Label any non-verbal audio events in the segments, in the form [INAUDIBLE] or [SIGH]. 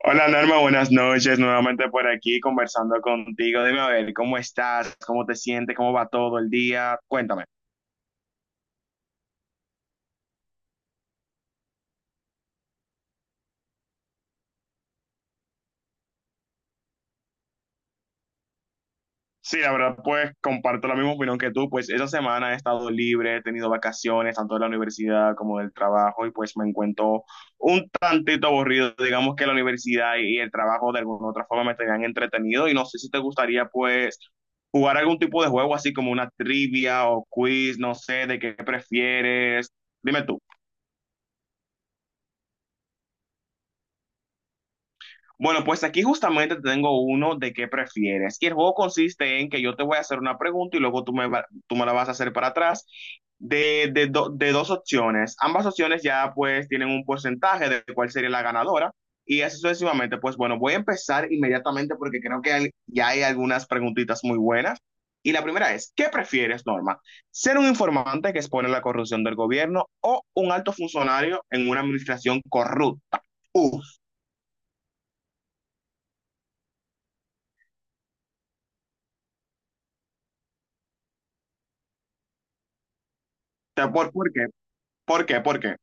Hola Norma, buenas noches. Nuevamente por aquí conversando contigo. Dime a ver, ¿cómo estás? ¿Cómo te sientes? ¿Cómo va todo el día? Cuéntame. Sí, la verdad, pues comparto la misma opinión que tú. Pues esa semana he estado libre, he tenido vacaciones, tanto de la universidad como del trabajo, y pues me encuentro un tantito aburrido. Digamos que la universidad y el trabajo de alguna u otra forma me tenían entretenido, y no sé si te gustaría, pues, jugar algún tipo de juego así como una trivia o quiz, no sé, de qué prefieres. Dime tú. Bueno, pues aquí justamente te tengo uno de qué prefieres. Y el juego consiste en que yo te voy a hacer una pregunta y luego tú me la vas a hacer para atrás de dos opciones. Ambas opciones ya pues tienen un porcentaje de cuál sería la ganadora y así sucesivamente. Pues bueno, voy a empezar inmediatamente porque creo que ya hay algunas preguntitas muy buenas. Y la primera es, ¿qué prefieres, Norma? ¿Ser un informante que expone la corrupción del gobierno o un alto funcionario en una administración corrupta? Uf, ¿Por qué? ¿Por qué? ¿Por qué?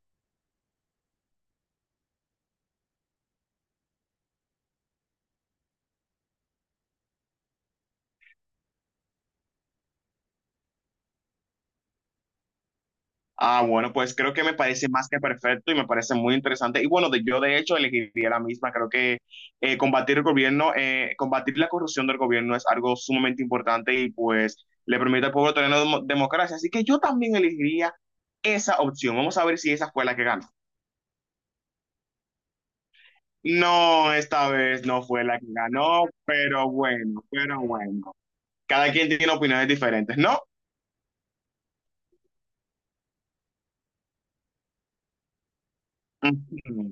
Ah, bueno, pues creo que me parece más que perfecto y me parece muy interesante. Y bueno, yo de hecho elegiría la misma. Creo que combatir el gobierno, combatir la corrupción del gobierno es algo sumamente importante y pues le permite al pueblo tener una democracia. Así que yo también elegiría esa opción. Vamos a ver si esa fue la que ganó. No, esta vez no fue la que ganó, pero bueno, pero bueno. Cada quien tiene opiniones diferentes, ¿no? Ujú.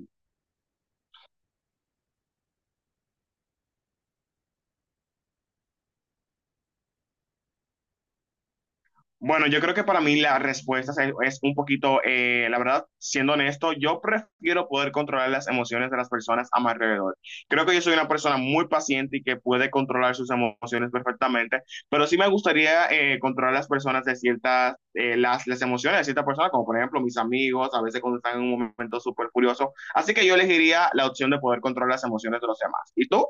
Bueno, yo creo que para mí la respuesta es un poquito, la verdad, siendo honesto, yo prefiero poder controlar las emociones de las personas a mi alrededor. Creo que yo soy una persona muy paciente y que puede controlar sus emociones perfectamente, pero sí me gustaría controlar las personas de ciertas, las emociones de ciertas personas, como por ejemplo mis amigos, a veces cuando están en un momento súper furioso. Así que yo elegiría la opción de poder controlar las emociones de los demás. ¿Y tú?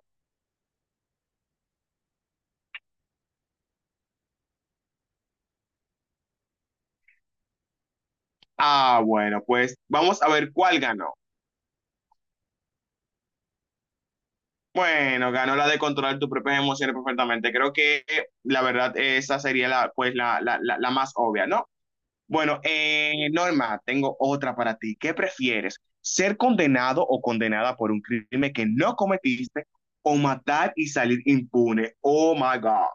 Ah, bueno, pues vamos a ver cuál ganó. Bueno, ganó la de controlar tus propias emociones perfectamente. Creo que la verdad esa sería la, pues, la más obvia, ¿no? Bueno, Norma, tengo otra para ti. ¿Qué prefieres? ¿Ser condenado o condenada por un crimen que no cometiste o matar y salir impune? Oh my God.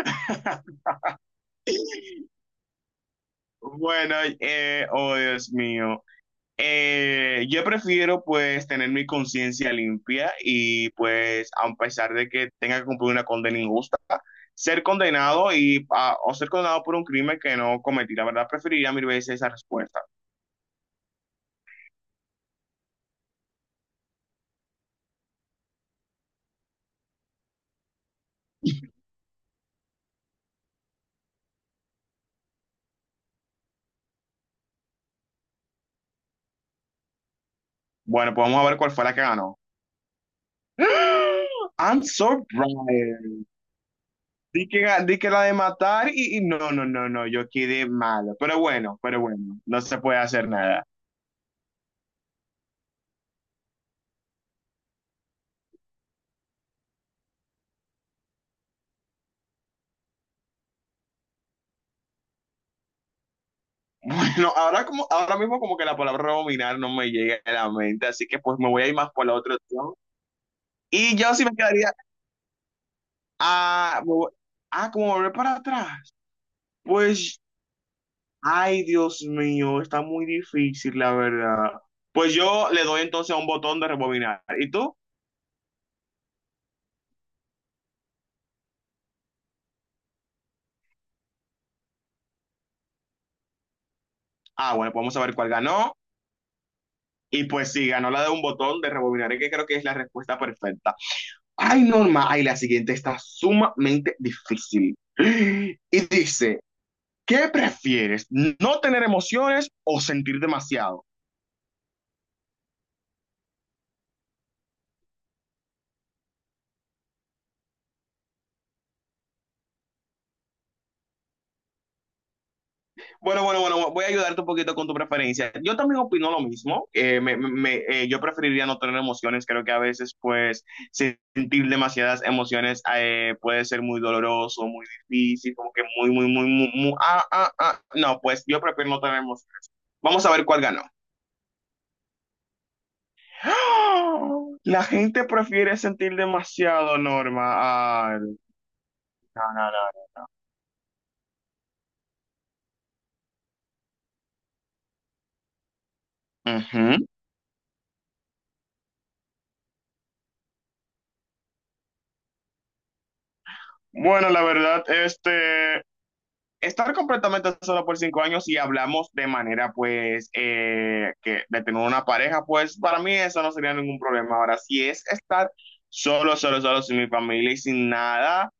[LAUGHS] Bueno, oh Dios mío. Yo prefiero pues tener mi conciencia limpia y pues a pesar de que tenga que cumplir una condena injusta, ser condenado o ser condenado por un crimen que no cometí. La verdad preferiría mil veces esa respuesta. Bueno, pues vamos a ver cuál fue la que ganó. [GASPS] I'm so bright. Di que, di que la de matar y no, no, no, no, yo quedé malo. Pero bueno, no se puede hacer nada. Bueno, ahora, ahora mismo como que la palabra dominar no me llega a la mente, así que pues me voy a ir más por la otra opción. Y yo sí me quedaría, ah, me voy- como volver para atrás. Pues, ay, Dios mío, está muy difícil, la verdad. Pues yo le doy entonces a un botón de rebobinar. ¿Y tú? Ah, bueno, podemos saber cuál ganó. Y pues sí, ganó la de un botón de rebobinar, que creo que es la respuesta perfecta. Ay, Norma, ay, la siguiente está sumamente difícil. [GASPS] Y dice... ¿Qué prefieres? ¿No tener emociones o sentir demasiado? Bueno, bueno, bueno, voy a ayudarte un poquito con tu preferencia. Yo también opino lo mismo. Yo preferiría no tener emociones. Creo que a veces, pues, sentir demasiadas emociones puede ser muy doloroso, muy difícil, como que muy, muy, muy, muy, muy. No, pues yo prefiero no tener emociones. Vamos a ver cuál ganó. ¡Ah! La gente prefiere sentir demasiado, Norma. Ay, no, no, no. Uh -huh. Bueno, la verdad, estar completamente solo por 5 años y hablamos de manera, pues, que de tener una pareja, pues, para mí eso no sería ningún problema. Ahora, si es estar solo, solo, solo, sin mi familia y sin nada,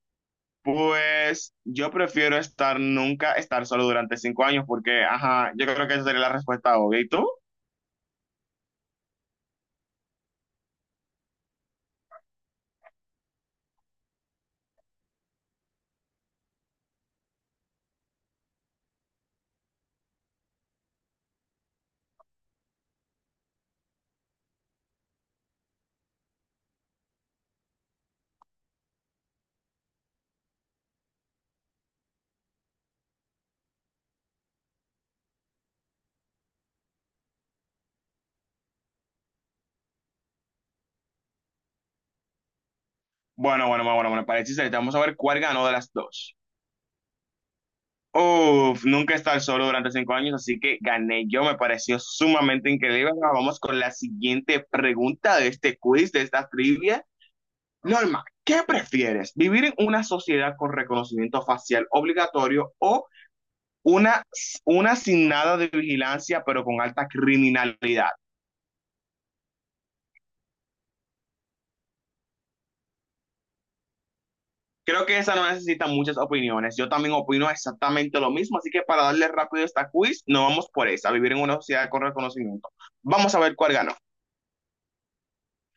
pues, yo prefiero estar nunca, estar solo durante 5 años, porque, ajá, yo creo que esa sería la respuesta obvia. ¿Y tú? Bueno, bueno, bueno, bueno, bueno, para el chiste, vamos a ver cuál ganó de las dos. Uf, nunca he estado solo durante 5 años, así que gané yo, me pareció sumamente increíble. Ahora vamos con la siguiente pregunta de este quiz, de esta trivia. Norma, ¿qué prefieres? ¿Vivir en una sociedad con reconocimiento facial obligatorio o una, una sin nada de vigilancia, pero con alta criminalidad? Creo que esa no necesita muchas opiniones. Yo también opino exactamente lo mismo, así que para darle rápido esta quiz, no vamos por esa, vivir en una sociedad con reconocimiento. Vamos a ver cuál ganó.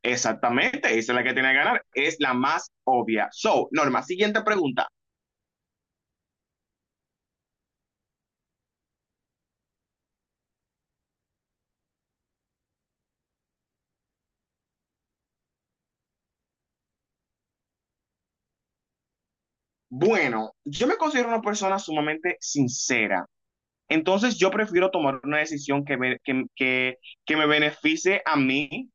Exactamente, esa es la que tiene que ganar, es la más obvia. So, Norma, siguiente pregunta. Bueno, yo me considero una persona sumamente sincera, entonces yo prefiero tomar una decisión que me beneficie a mí,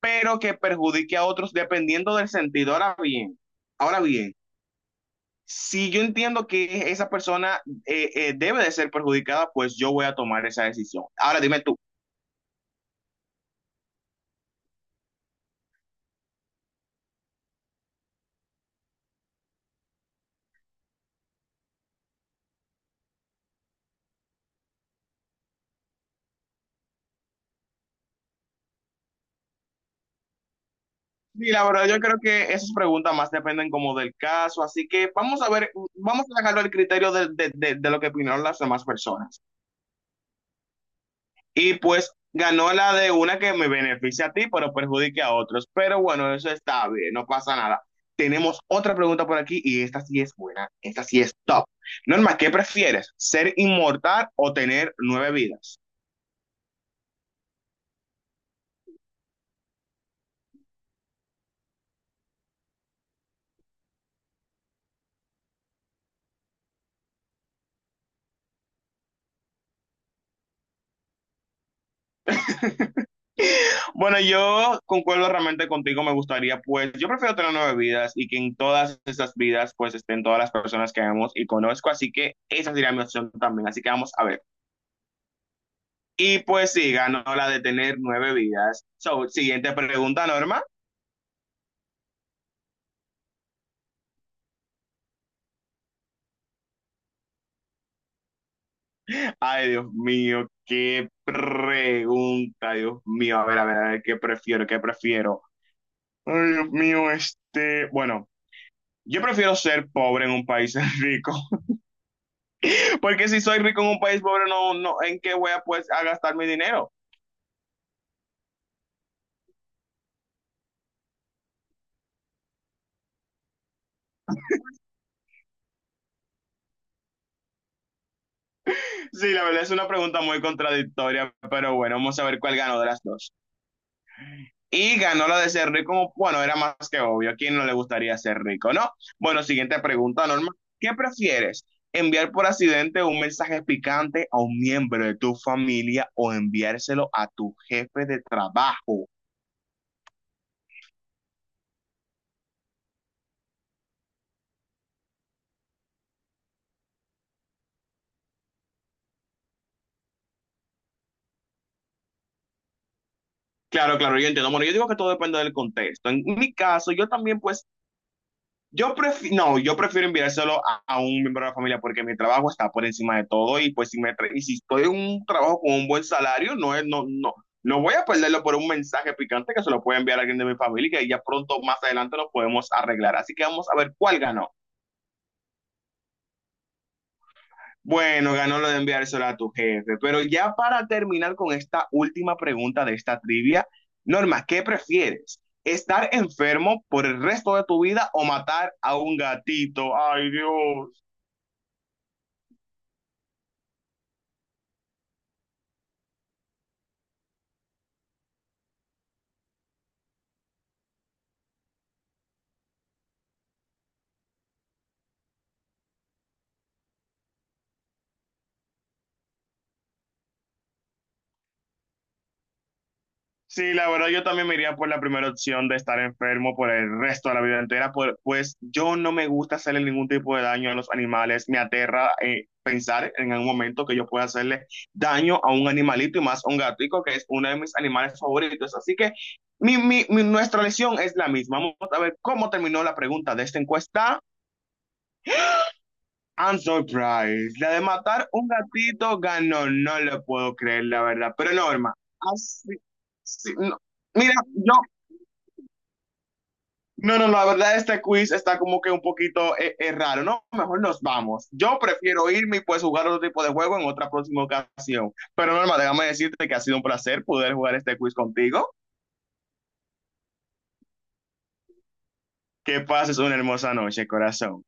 pero que perjudique a otros dependiendo del sentido. Ahora bien, si yo entiendo que esa persona debe de ser perjudicada, pues yo voy a tomar esa decisión. Ahora dime tú, Sí, la verdad, yo creo que esas preguntas más dependen como del caso, así que vamos a ver, vamos a dejarlo al criterio de lo que opinaron las demás personas. Y pues ganó la de una que me beneficia a ti, pero perjudique a otros. Pero bueno, eso está bien, no pasa nada. Tenemos otra pregunta por aquí y esta sí es buena, esta sí es top. Norma, ¿qué prefieres? ¿Ser inmortal o tener nueve vidas? [LAUGHS] Bueno, yo concuerdo realmente contigo, me gustaría, pues, yo prefiero tener nueve vidas y que en todas esas vidas, pues, estén todas las personas que vemos y conozco, así que esa sería mi opción también, así que vamos a ver. Y pues sí, ganó la de tener nueve vidas. So, siguiente pregunta, Norma. Ay, Dios mío, qué pregunta, Dios mío, a ver, a ver, a ver, qué prefiero, qué prefiero. Ay, Dios mío, bueno, yo prefiero ser pobre en un país [LAUGHS] rico. Porque si soy rico en un país pobre, no, no, ¿en qué voy a, pues, a gastar mi dinero? Sí, la verdad es una pregunta muy contradictoria, pero bueno, vamos a ver cuál ganó de las dos. Y ganó la de ser rico, bueno, era más que obvio, ¿a quién no le gustaría ser rico, no? Bueno, siguiente pregunta, Norma, ¿qué prefieres? ¿Enviar por accidente un mensaje picante a un miembro de tu familia o enviárselo a tu jefe de trabajo? Claro, claro, yo entiendo. Bueno, yo digo que todo depende del contexto. En mi caso, yo también pues yo prefiero, no, yo prefiero enviárselo a un miembro de la familia porque mi trabajo está por encima de todo y pues si me y si estoy en un trabajo con un buen salario, no es, no, no, no voy a perderlo por un mensaje picante que se lo puede enviar a alguien de mi familia y que ya pronto más adelante lo podemos arreglar. Así que vamos a ver cuál ganó. Bueno, ganó lo de enviárselo a tu jefe, pero ya para terminar con esta última pregunta de esta trivia, Norma, ¿qué prefieres? ¿Estar enfermo por el resto de tu vida o matar a un gatito? Ay, Dios. Sí, la verdad yo también me iría por la primera opción de estar enfermo por el resto de la vida entera, pues yo no me gusta hacerle ningún tipo de daño a los animales, me aterra pensar en algún momento que yo pueda hacerle daño a un animalito y más a un gatico, que es uno de mis animales favoritos. Así que nuestra lesión es la misma. Vamos a ver cómo terminó la pregunta de esta encuesta. I'm surprised. La de matar un gatito ganó, no lo puedo creer, la verdad. Pero Norma, así, sí, no. Mira, yo no, no, no, la verdad este quiz está como que un poquito raro, ¿no? Mejor nos vamos. Yo prefiero irme y pues jugar otro tipo de juego en otra próxima ocasión. Pero Norma, déjame decirte que ha sido un placer poder jugar este quiz contigo. Que pases una hermosa noche, corazón.